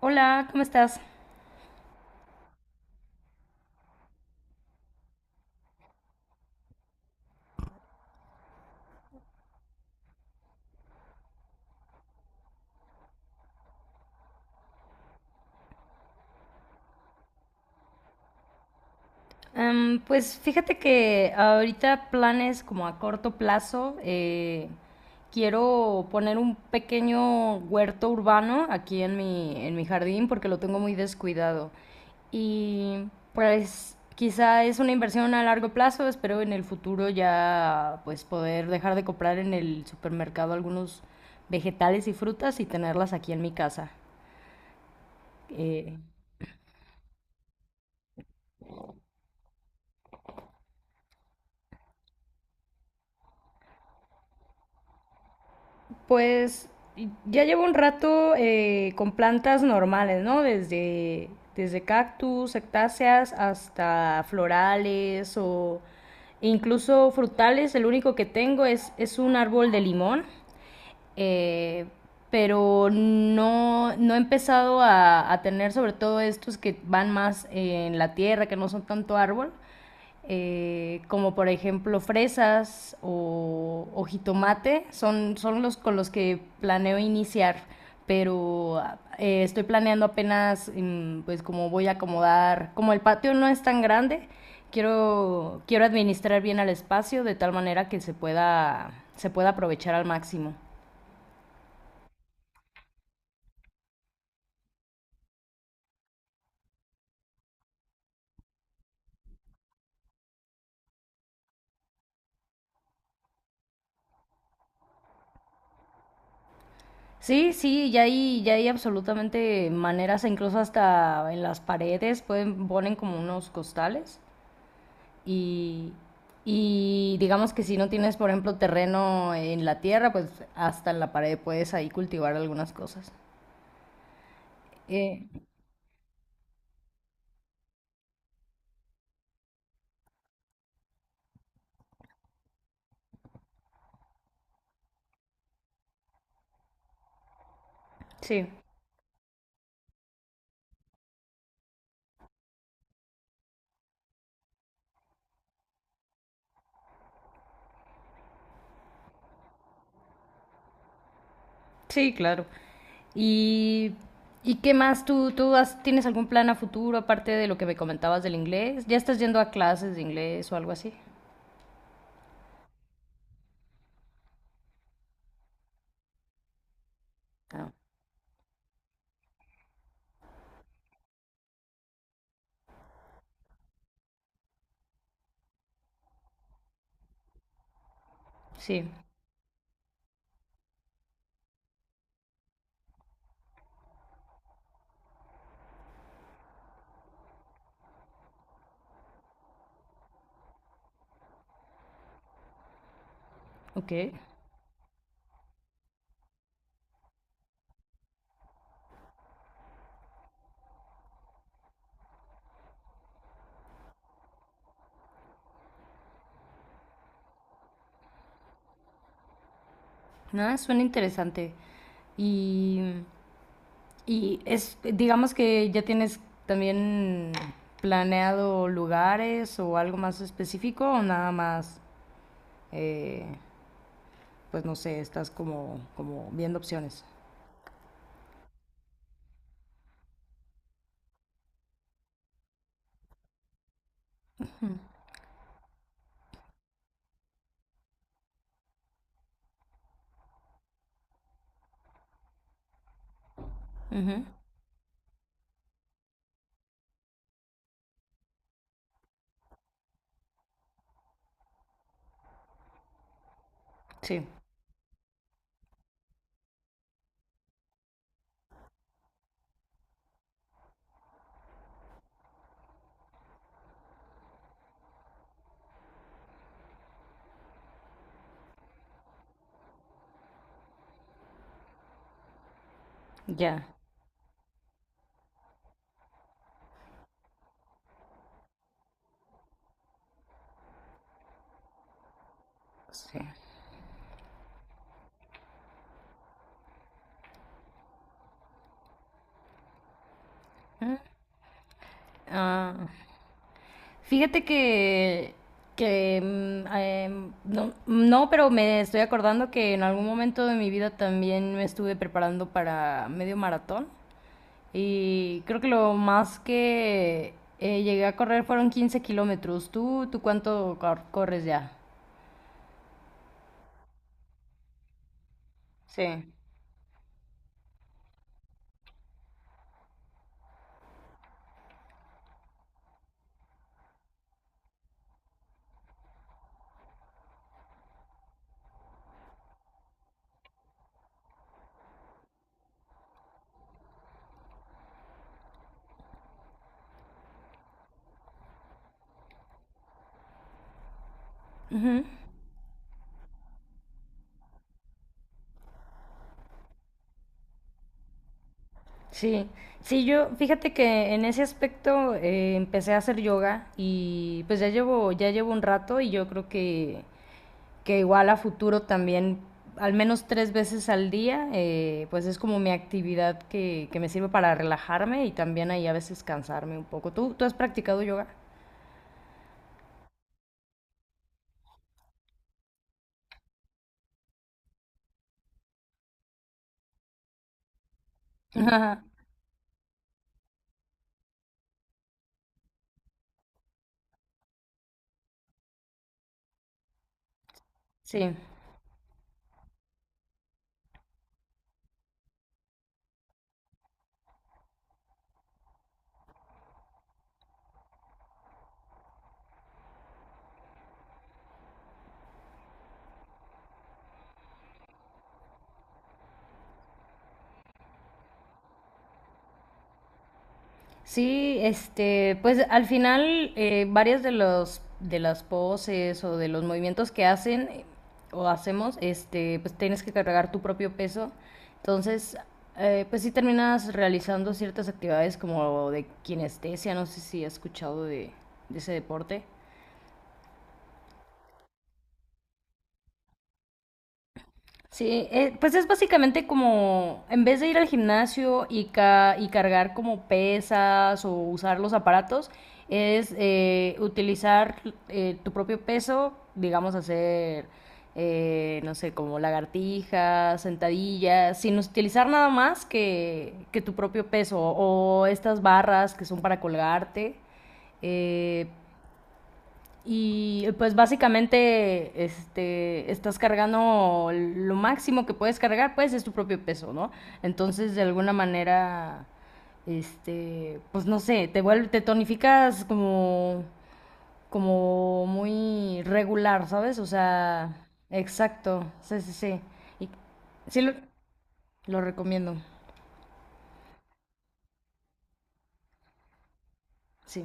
Hola, ¿cómo estás? Pues fíjate que ahorita planes como a corto plazo, quiero poner un pequeño huerto urbano aquí en mi jardín porque lo tengo muy descuidado. Y pues quizá es una inversión a largo plazo, espero en el futuro ya pues poder dejar de comprar en el supermercado algunos vegetales y frutas y tenerlas aquí en mi casa. Eh, Pues ya llevo un rato con plantas normales, ¿no? Desde, desde cactus, cactáceas, hasta florales o incluso frutales. El único que tengo es un árbol de limón eh, pero no, no he empezado tener sobre todo estos que van más en la tierra, que no son tanto árbol, como por ejemplo fresas o jitomate, son, son los con los que planeo iniciar, pero estoy planeando apenas pues como voy a acomodar, como el patio no es tan grande, quiero, quiero administrar bien el espacio de tal manera que se pueda aprovechar al máximo. Sí, sí, ya hay absolutamente maneras, e incluso hasta en las paredes pueden, ponen como unos costales y, y digamos que si no tienes, por ejemplo, terreno en la tierra, pues hasta en la pared puedes ahí cultivar algunas cosas. Eh, sí, sí, claro. ¿Y, y qué más? ¿Tú, tienes algún plan a futuro aparte de lo que me comentabas del inglés? ¿Ya estás yendo a clases de inglés o algo así? Ah, sí, ok. Ah, suena interesante. Y, y es, digamos que ya tienes también planeado lugares o algo más específico o nada más, eh, pues no sé, estás como, como viendo opciones. Ujú. Sí, ya, sí. Ah, fíjate que no, no, pero me estoy acordando que en algún momento de mi vida también me estuve preparando para medio maratón. Y creo que lo más que llegué a correr fueron 15 kilómetros. ¿Tú, corres ya? Sí. Ujú, sí, sí, yo fíjate que en ese aspecto empecé a hacer yoga y pues ya llevo un rato y yo creo que igual a futuro también, al menos 3 veces al día, pues es como mi actividad que me sirve para relajarme y también ahí a veces cansarme un poco. ¿Tú, tú has practicado yoga? Sí. Sí, este, pues al final varias de los de las poses o de los movimientos que hacen o hacemos, este, pues tienes que cargar tu propio peso. Entonces, pues sí terminas realizando ciertas actividades como de kinestesia, no sé si has escuchado de ese deporte. Sí, pues es básicamente como, en vez de ir al gimnasio y, y cargar como pesas o usar los aparatos, es utilizar tu propio peso, digamos hacer, no sé, como lagartijas, sentadillas, sin utilizar nada más que tu propio peso o estas barras que son para colgarte. Eh, y pues básicamente este, estás cargando lo máximo que puedes cargar, pues es tu propio peso, ¿no? Entonces de alguna manera, este, pues no sé, te, vuelve, te tonificas como, como muy regular, ¿sabes? O sea, exacto, sí, sí, sí. Y sí lo recomiendo, sí.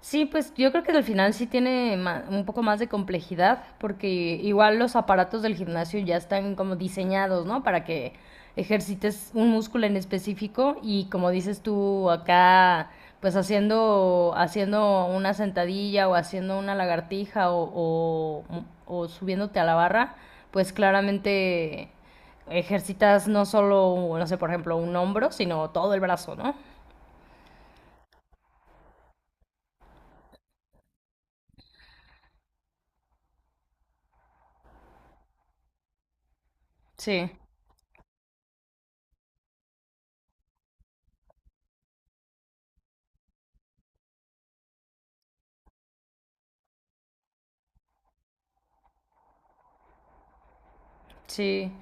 Sí, pues yo creo que al final sí tiene un poco más de complejidad, porque igual los aparatos del gimnasio ya están como diseñados, ¿no? Para que ejercites un músculo en específico y como dices tú acá, pues haciendo, haciendo una sentadilla o haciendo una lagartija o subiéndote a la barra, pues claramente ejercitas no solo, no sé, por ejemplo, un hombro, sino todo el brazo, ¿no? Sí, sí.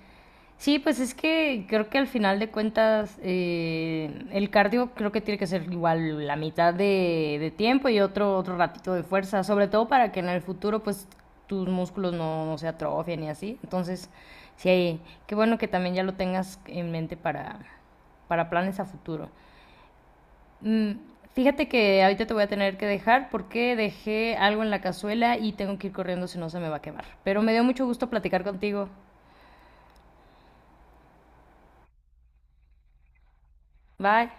Sí, pues es que creo que al final de cuentas el cardio creo que tiene que ser igual la mitad de tiempo y otro, otro ratito de fuerza, sobre todo para que en el futuro pues tus músculos no, no se atrofien y así. Entonces, sí, qué bueno que también ya lo tengas en mente para planes a futuro. Mm, fíjate que ahorita te voy a tener que dejar porque dejé algo en la cazuela y tengo que ir corriendo si no se me va a quemar. Pero me dio mucho gusto platicar contigo. Bye.